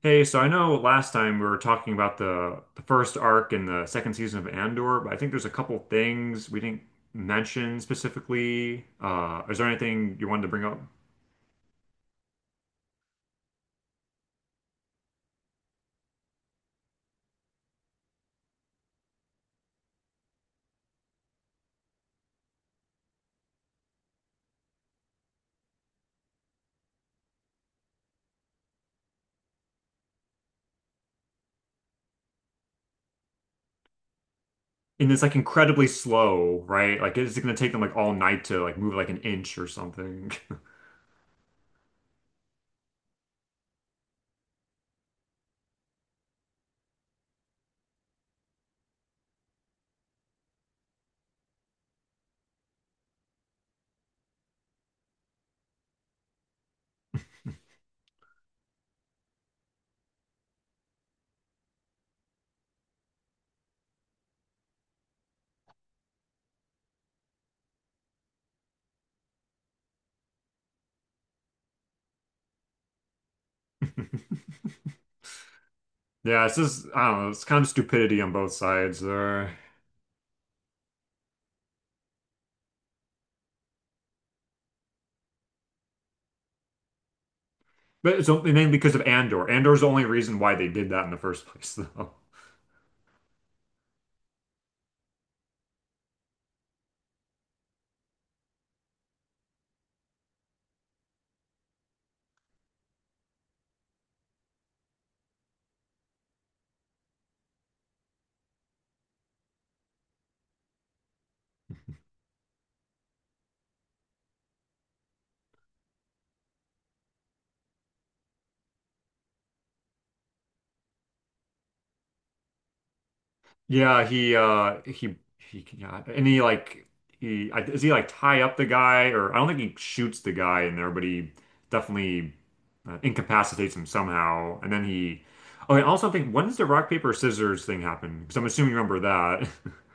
Hey, so I know last time we were talking about the first arc in the second season of Andor, but I think there's a couple things we didn't mention specifically. Is there anything you wanted to bring up? And it's like incredibly slow, right? Like it's gonna take them like all night to like move like an inch or something. Yeah, it's just I don't know, it's kind of stupidity on both sides there. But it's only mainly because of Andor. Andor's the only reason why they did that in the first place, though. Yeah, he yeah, and he like is he like tie up the guy? Or I don't think he shoots the guy in there, but he definitely incapacitates him somehow. And then he oh, I also think, when does the rock paper scissors thing happen? Because I'm assuming you remember that.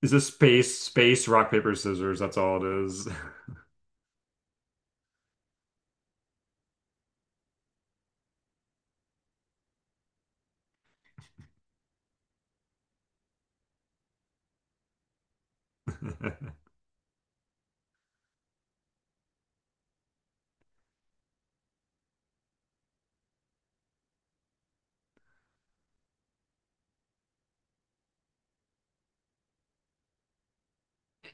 Is this space rock paper scissors? That's all it is.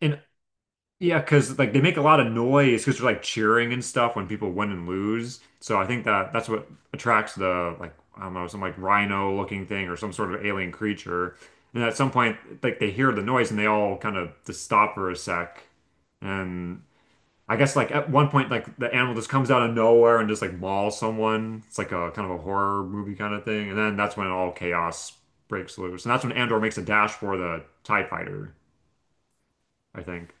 And yeah, because like they make a lot of noise because they're like cheering and stuff when people win and lose. So I think that that's what attracts the, like, I don't know, some like rhino looking thing or some sort of alien creature. And at some point, like they hear the noise and they all kind of just stop for a sec. And I guess like at one point, like the animal just comes out of nowhere and just like mauls someone. It's like a kind of a horror movie kind of thing. And then that's when all chaos breaks loose. And that's when Andor makes a dash for the TIE fighter, I think.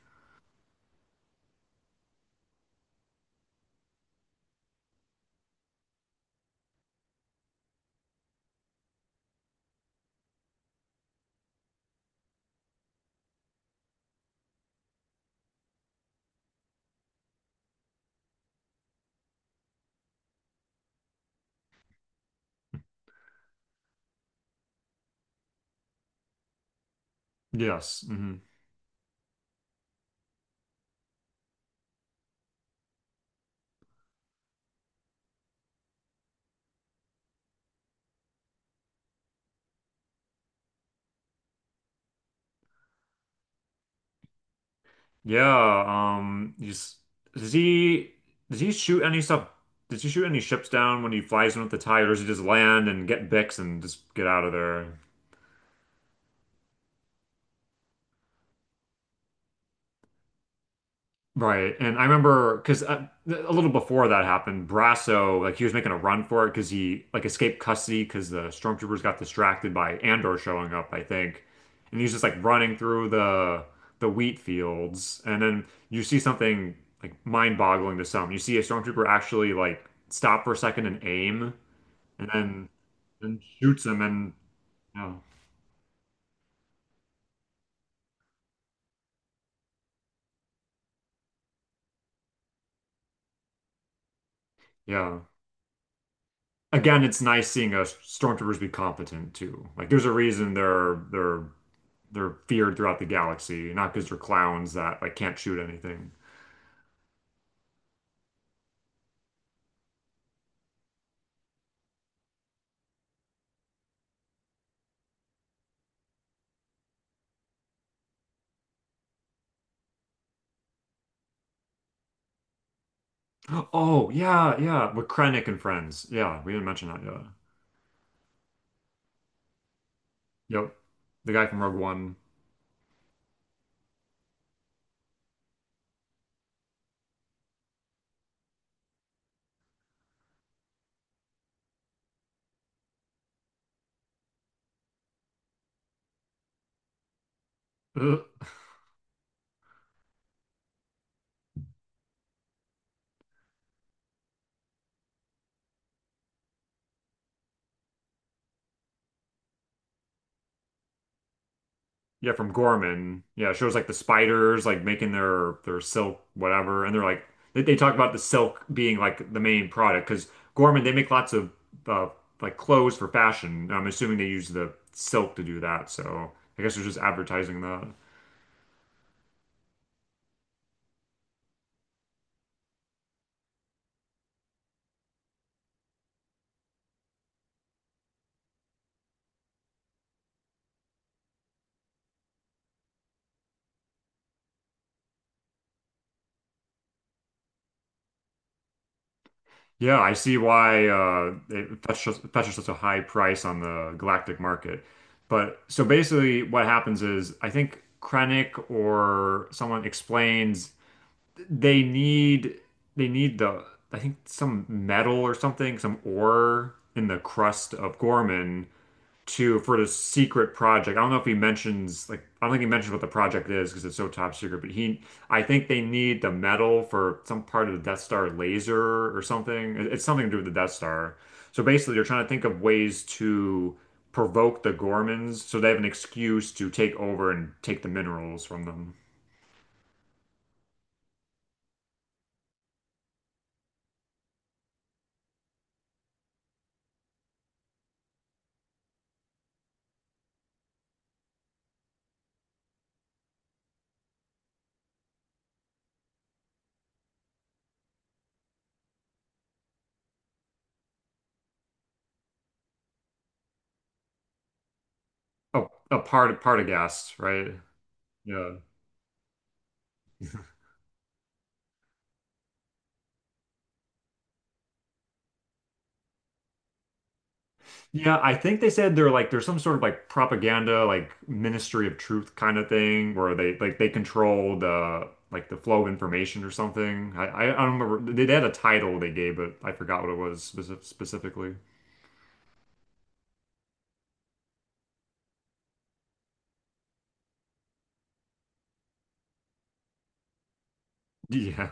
Yes. Mhm. Yeah, he's does he does he shoot any stuff? Does he shoot any ships down when he flies in with the tide, or does he just land and get Bix and just get out of there? Right. And I remember because a little before that happened, Brasso, like he was making a run for it because he like escaped custody because the stormtroopers got distracted by Andor showing up, I think. And he's just like running through the wheat fields. And then you see something like mind-boggling to some. You see a stormtrooper actually like stop for a second and aim and then and shoots him and yeah. Yeah, again, it's nice seeing us stormtroopers be competent too. Like there's a reason they're they are feared throughout the galaxy, not because they're clowns that like can't shoot anything. Oh yeah, yeah, with Krennic and friends. Yeah, we didn't mention that yet. Yep, the guy from Rogue One. Ugh. Yeah, from Gorman. Yeah, it shows like the spiders like making their silk whatever, and they're like they talk about the silk being like the main product because Gorman they make lots of uh, like clothes for fashion. I'm assuming they use the silk to do that. So I guess they're just advertising that. Yeah, I see why it fetches, fetches such a high price on the galactic market. But so basically, what happens is I think Krennic or someone explains. they need they need the I think some metal or something, some ore in the crust of Gorman to for this secret project. I don't know if he mentions like I don't think he mentions what the project is because it's so top secret, but he I think they need the metal for some part of the Death Star laser or something. It's something to do with the Death Star. So basically they're trying to think of ways to provoke the Gormans so they have an excuse to take over and take the minerals from them. Oh, a part part of gas, right? Yeah. Yeah, I think they said they're like there's some sort of like propaganda, like Ministry of Truth kind of thing where they like they control the like the flow of information or something. I don't remember they had a title they gave but I forgot what it was speci specifically. Yeah.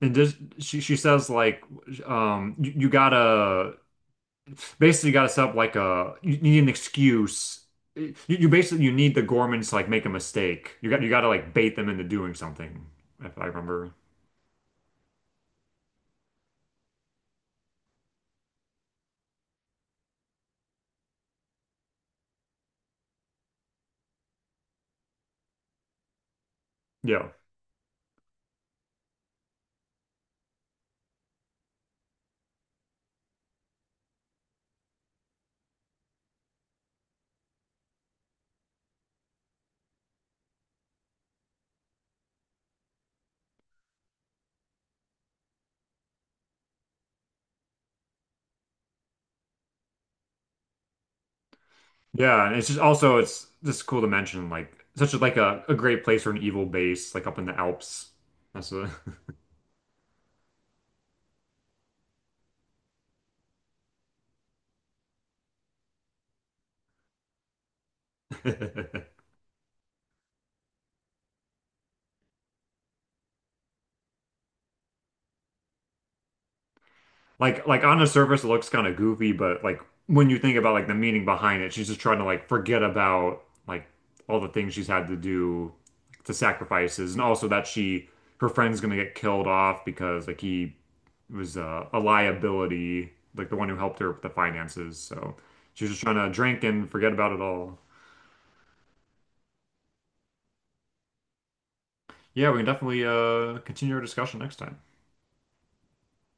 And just she says like you, you gotta basically gotta set up like a you you need an excuse. You basically you need the Gormans to like make a mistake. You got you gotta like bait them into doing something, if I remember. Yeah. Yeah, and it's just also it's just cool to mention like such a, like a great place for an evil base, like up in the Alps. That's a like on the surface it looks kind of goofy, but like when you think about like the meaning behind it, she's just trying to like forget about like all the things she's had to do, like, the sacrifices, and also that she her friend's gonna get killed off because like he was a liability, like the one who helped her with the finances. So she's just trying to drink and forget about it all. Yeah, we can definitely continue our discussion next time.